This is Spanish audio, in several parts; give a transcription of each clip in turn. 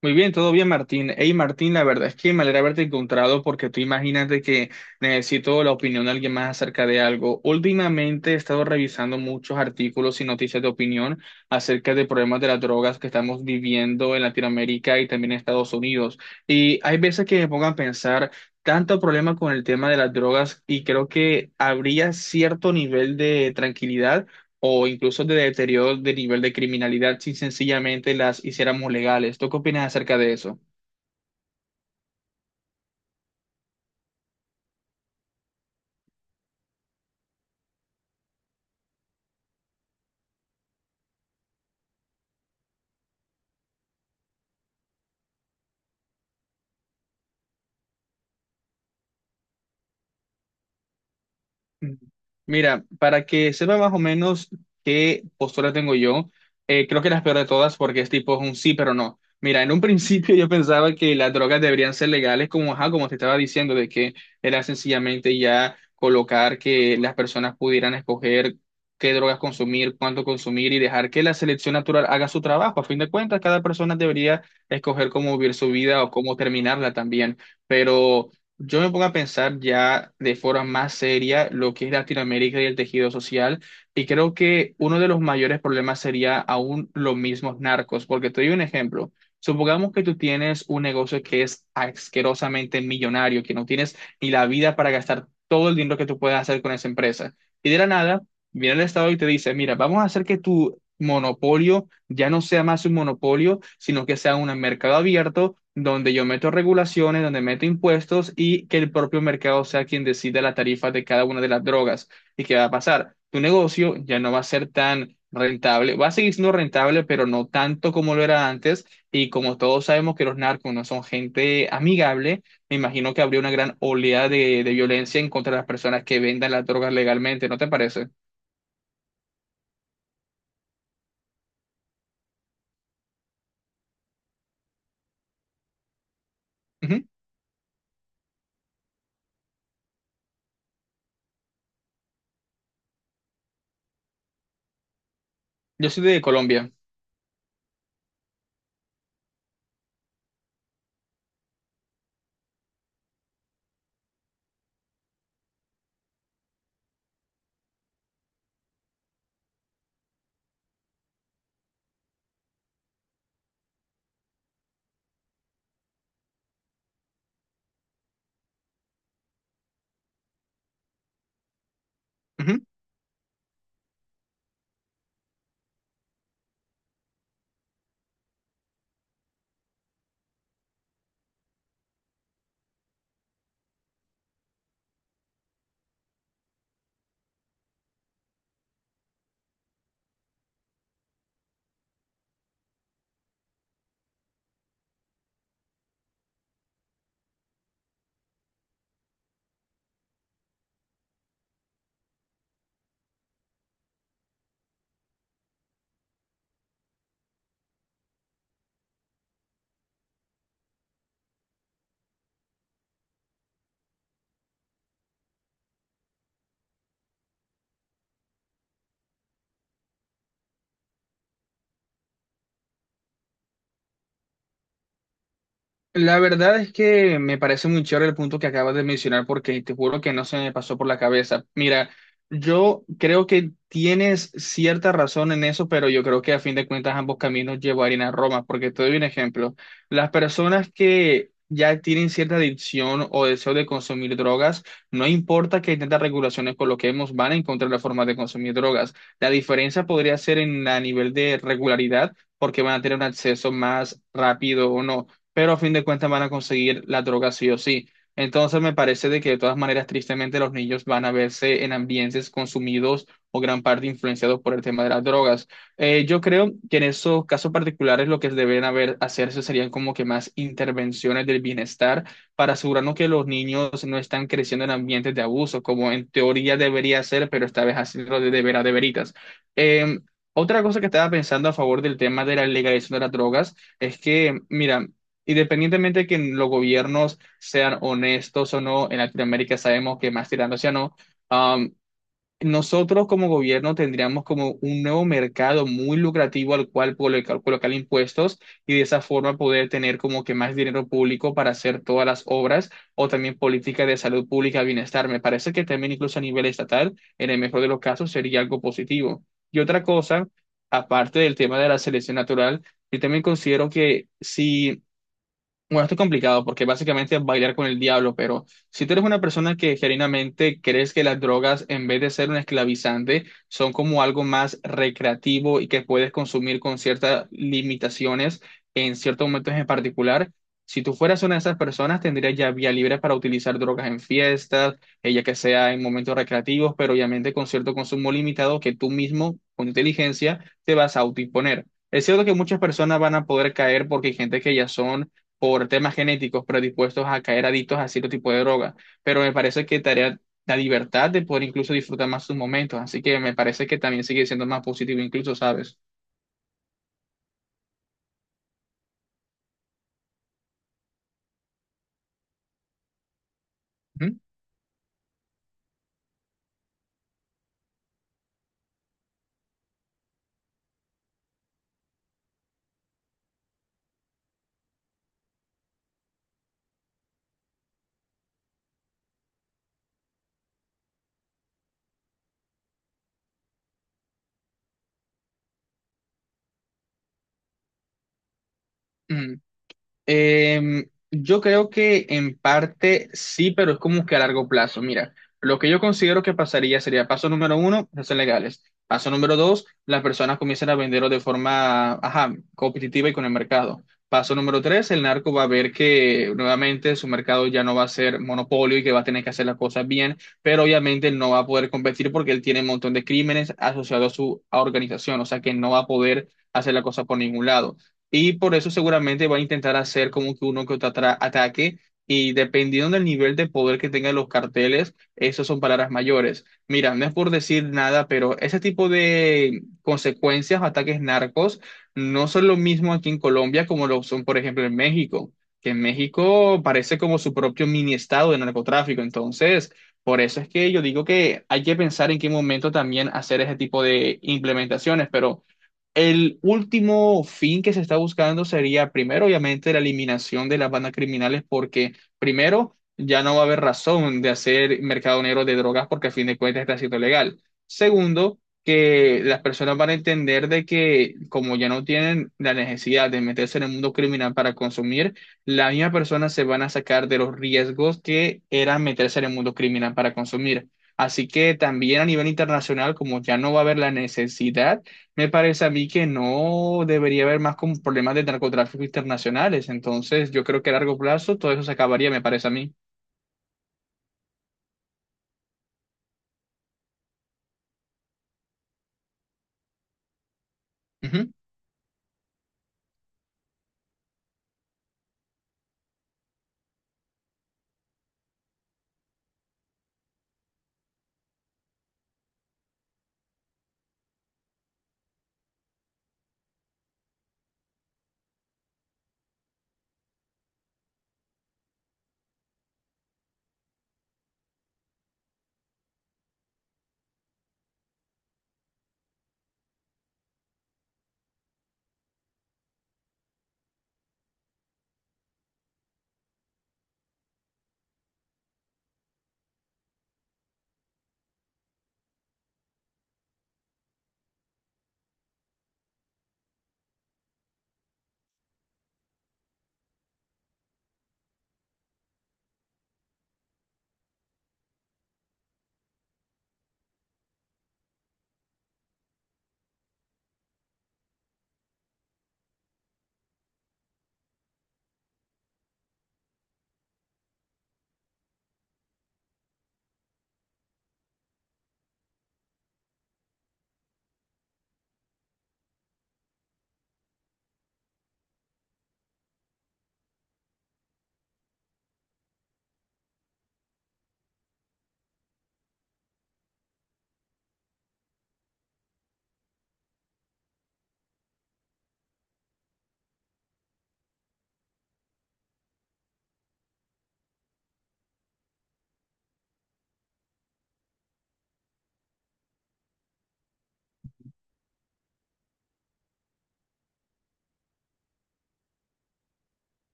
Muy bien, todo bien, Martín. Hey, Martín, la verdad es que me alegra haberte encontrado porque tú imagínate que necesito la opinión de alguien más acerca de algo. Últimamente he estado revisando muchos artículos y noticias de opinión acerca de problemas de las drogas que estamos viviendo en Latinoamérica y también en Estados Unidos. Y hay veces que me pongo a pensar tanto problema con el tema de las drogas y creo que habría cierto nivel de tranquilidad o incluso de deterioro de nivel de criminalidad si sencillamente las hiciéramos legales. ¿Tú qué opinas acerca de eso? Mm. Mira, para que sepa más o menos qué postura tengo yo, creo que la peor de todas porque es tipo un sí, pero no. Mira, en un principio yo pensaba que las drogas deberían ser legales, como, ajá, como te estaba diciendo, de que era sencillamente ya colocar que las personas pudieran escoger qué drogas consumir, cuánto consumir y dejar que la selección natural haga su trabajo. A fin de cuentas, cada persona debería escoger cómo vivir su vida o cómo terminarla también. Pero yo me pongo a pensar ya de forma más seria lo que es Latinoamérica y el tejido social, y creo que uno de los mayores problemas sería aún los mismos narcos, porque te doy un ejemplo. Supongamos que tú tienes un negocio que es asquerosamente millonario, que no tienes ni la vida para gastar todo el dinero que tú puedes hacer con esa empresa. Y de la nada, viene el Estado y te dice, mira, vamos a hacer que tu monopolio ya no sea más un monopolio, sino que sea un mercado abierto donde yo meto regulaciones, donde meto impuestos y que el propio mercado sea quien decida la tarifa de cada una de las drogas. ¿Y qué va a pasar? Tu negocio ya no va a ser tan rentable, va a seguir siendo rentable, pero no tanto como lo era antes. Y como todos sabemos que los narcos no son gente amigable, me imagino que habría una gran oleada de, violencia en contra de las personas que vendan las drogas legalmente, ¿no te parece? Ujú. Yo soy de Colombia. Ujú. La verdad es que me parece muy chévere el punto que acabas de mencionar porque te juro que no se me pasó por la cabeza. Mira, yo creo que tienes cierta razón en eso, pero yo creo que a fin de cuentas ambos caminos llevarían a Roma, porque te doy un ejemplo. Las personas que ya tienen cierta adicción o deseo de consumir drogas, no importa que tantas regulaciones coloquemos, van a encontrar la forma de consumir drogas. La diferencia podría ser en a nivel de regularidad, porque van a tener un acceso más rápido o no, pero a fin de cuentas van a conseguir la droga sí o sí. Entonces me parece de que de todas maneras, tristemente, los niños van a verse en ambientes consumidos o gran parte influenciados por el tema de las drogas. Yo creo que en esos casos particulares lo que deben haber, hacerse serían como que más intervenciones del bienestar para asegurarnos que los niños no están creciendo en ambientes de abuso, como en teoría debería ser, pero esta vez hacerlo de, veras, de veritas. Em, otra cosa que estaba pensando a favor del tema de la legalización de las drogas es que, mira, independientemente de que los gobiernos sean honestos o no, en Latinoamérica sabemos que más tirando hacia no, am, nosotros como gobierno tendríamos como un nuevo mercado muy lucrativo al cual colocar impuestos y de esa forma poder tener como que más dinero público para hacer todas las obras o también políticas de salud pública, bienestar. Me parece que también incluso a nivel estatal, en el mejor de los casos, sería algo positivo. Y otra cosa, aparte del tema de la selección natural, yo también considero que si bueno, esto es complicado porque básicamente es bailar con el diablo, pero si tú eres una persona que genuinamente crees que las drogas, en vez de ser un esclavizante, son como algo más recreativo y que puedes consumir con ciertas limitaciones en ciertos momentos en particular, si tú fueras una de esas personas, tendrías ya vía libre para utilizar drogas en fiestas, ella que sea en momentos recreativos, pero obviamente con cierto consumo limitado que tú mismo, con inteligencia, te vas a autoimponer. Es cierto que muchas personas van a poder caer porque hay gente que ya son por temas genéticos predispuestos a caer adictos a cierto tipo de droga, pero me parece que tarea la libertad de poder incluso disfrutar más sus momentos, así que me parece que también sigue siendo más positivo incluso, ¿sabes? Ujú. Ujú. Yo creo que en parte sí, pero es como que a largo plazo. Mira, lo que yo considero que pasaría sería paso número uno, hacer legales. Paso número dos, las personas comienzan a venderlo de forma, ajá, competitiva y con el mercado. Paso número tres, el narco va a ver que nuevamente su mercado ya no va a ser monopolio y que va a tener que hacer las cosas bien, pero obviamente él no va a poder competir porque él tiene un montón de crímenes asociados a su organización, o sea que no va a poder hacer la cosa por ningún lado. Y por eso seguramente va a intentar hacer como que uno que otro ataque. Y dependiendo del nivel de poder que tengan los carteles, esas son palabras mayores. Mira, no es por decir nada, pero ese tipo de consecuencias, ataques narcos, no son lo mismo aquí en Colombia como lo son, por ejemplo, en México, que en México parece como su propio mini estado de narcotráfico. Entonces, por eso es que yo digo que hay que pensar en qué momento también hacer ese tipo de implementaciones, pero... El último fin que se está buscando sería, primero, obviamente, la eliminación de las bandas criminales, porque primero, ya no va a haber razón de hacer mercado negro de drogas porque a fin de cuentas está siendo legal. Segundo, que las personas van a entender de que como ya no tienen la necesidad de meterse en el mundo criminal para consumir, las mismas personas se van a sacar de los riesgos que era meterse en el mundo criminal para consumir. Así que también a nivel internacional, como ya no va a haber la necesidad, me parece a mí que no debería haber más como problemas de narcotráfico internacionales. Entonces, yo creo que a largo plazo todo eso se acabaría, me parece a mí. Ujú.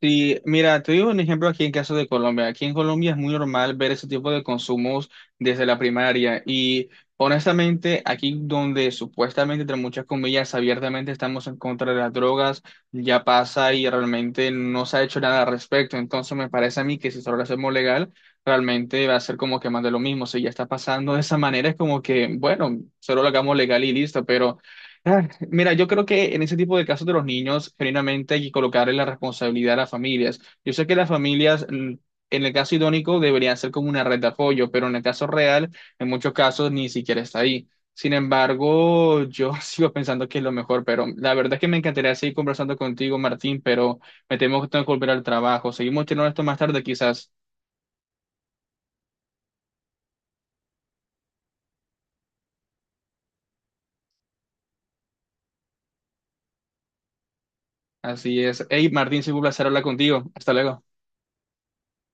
Sí, mira, te digo un ejemplo aquí en caso de Colombia. Aquí en Colombia es muy normal ver ese tipo de consumos desde la primaria y honestamente aquí donde supuestamente, entre muchas comillas, abiertamente estamos en contra de las drogas, ya pasa y realmente no se ha hecho nada al respecto. Entonces me parece a mí que si solo lo hacemos legal, realmente va a ser como que más de lo mismo. Si ya está pasando de esa manera, es como que, bueno, solo lo hagamos legal y listo, pero... Ah, mira, yo creo que en ese tipo de casos de los niños, genuinamente hay que colocarle la responsabilidad a las familias. Yo sé que las familias, en el caso idónico, deberían ser como una red de apoyo, pero en el caso real, en muchos casos, ni siquiera está ahí. Sin embargo, yo sigo pensando que es lo mejor, pero la verdad es que me encantaría seguir conversando contigo, Martín, pero me temo que tengo que volver al trabajo. Seguimos teniendo esto más tarde, quizás. Así es. Hey, Martín, sido un placer hablar contigo. Hasta luego.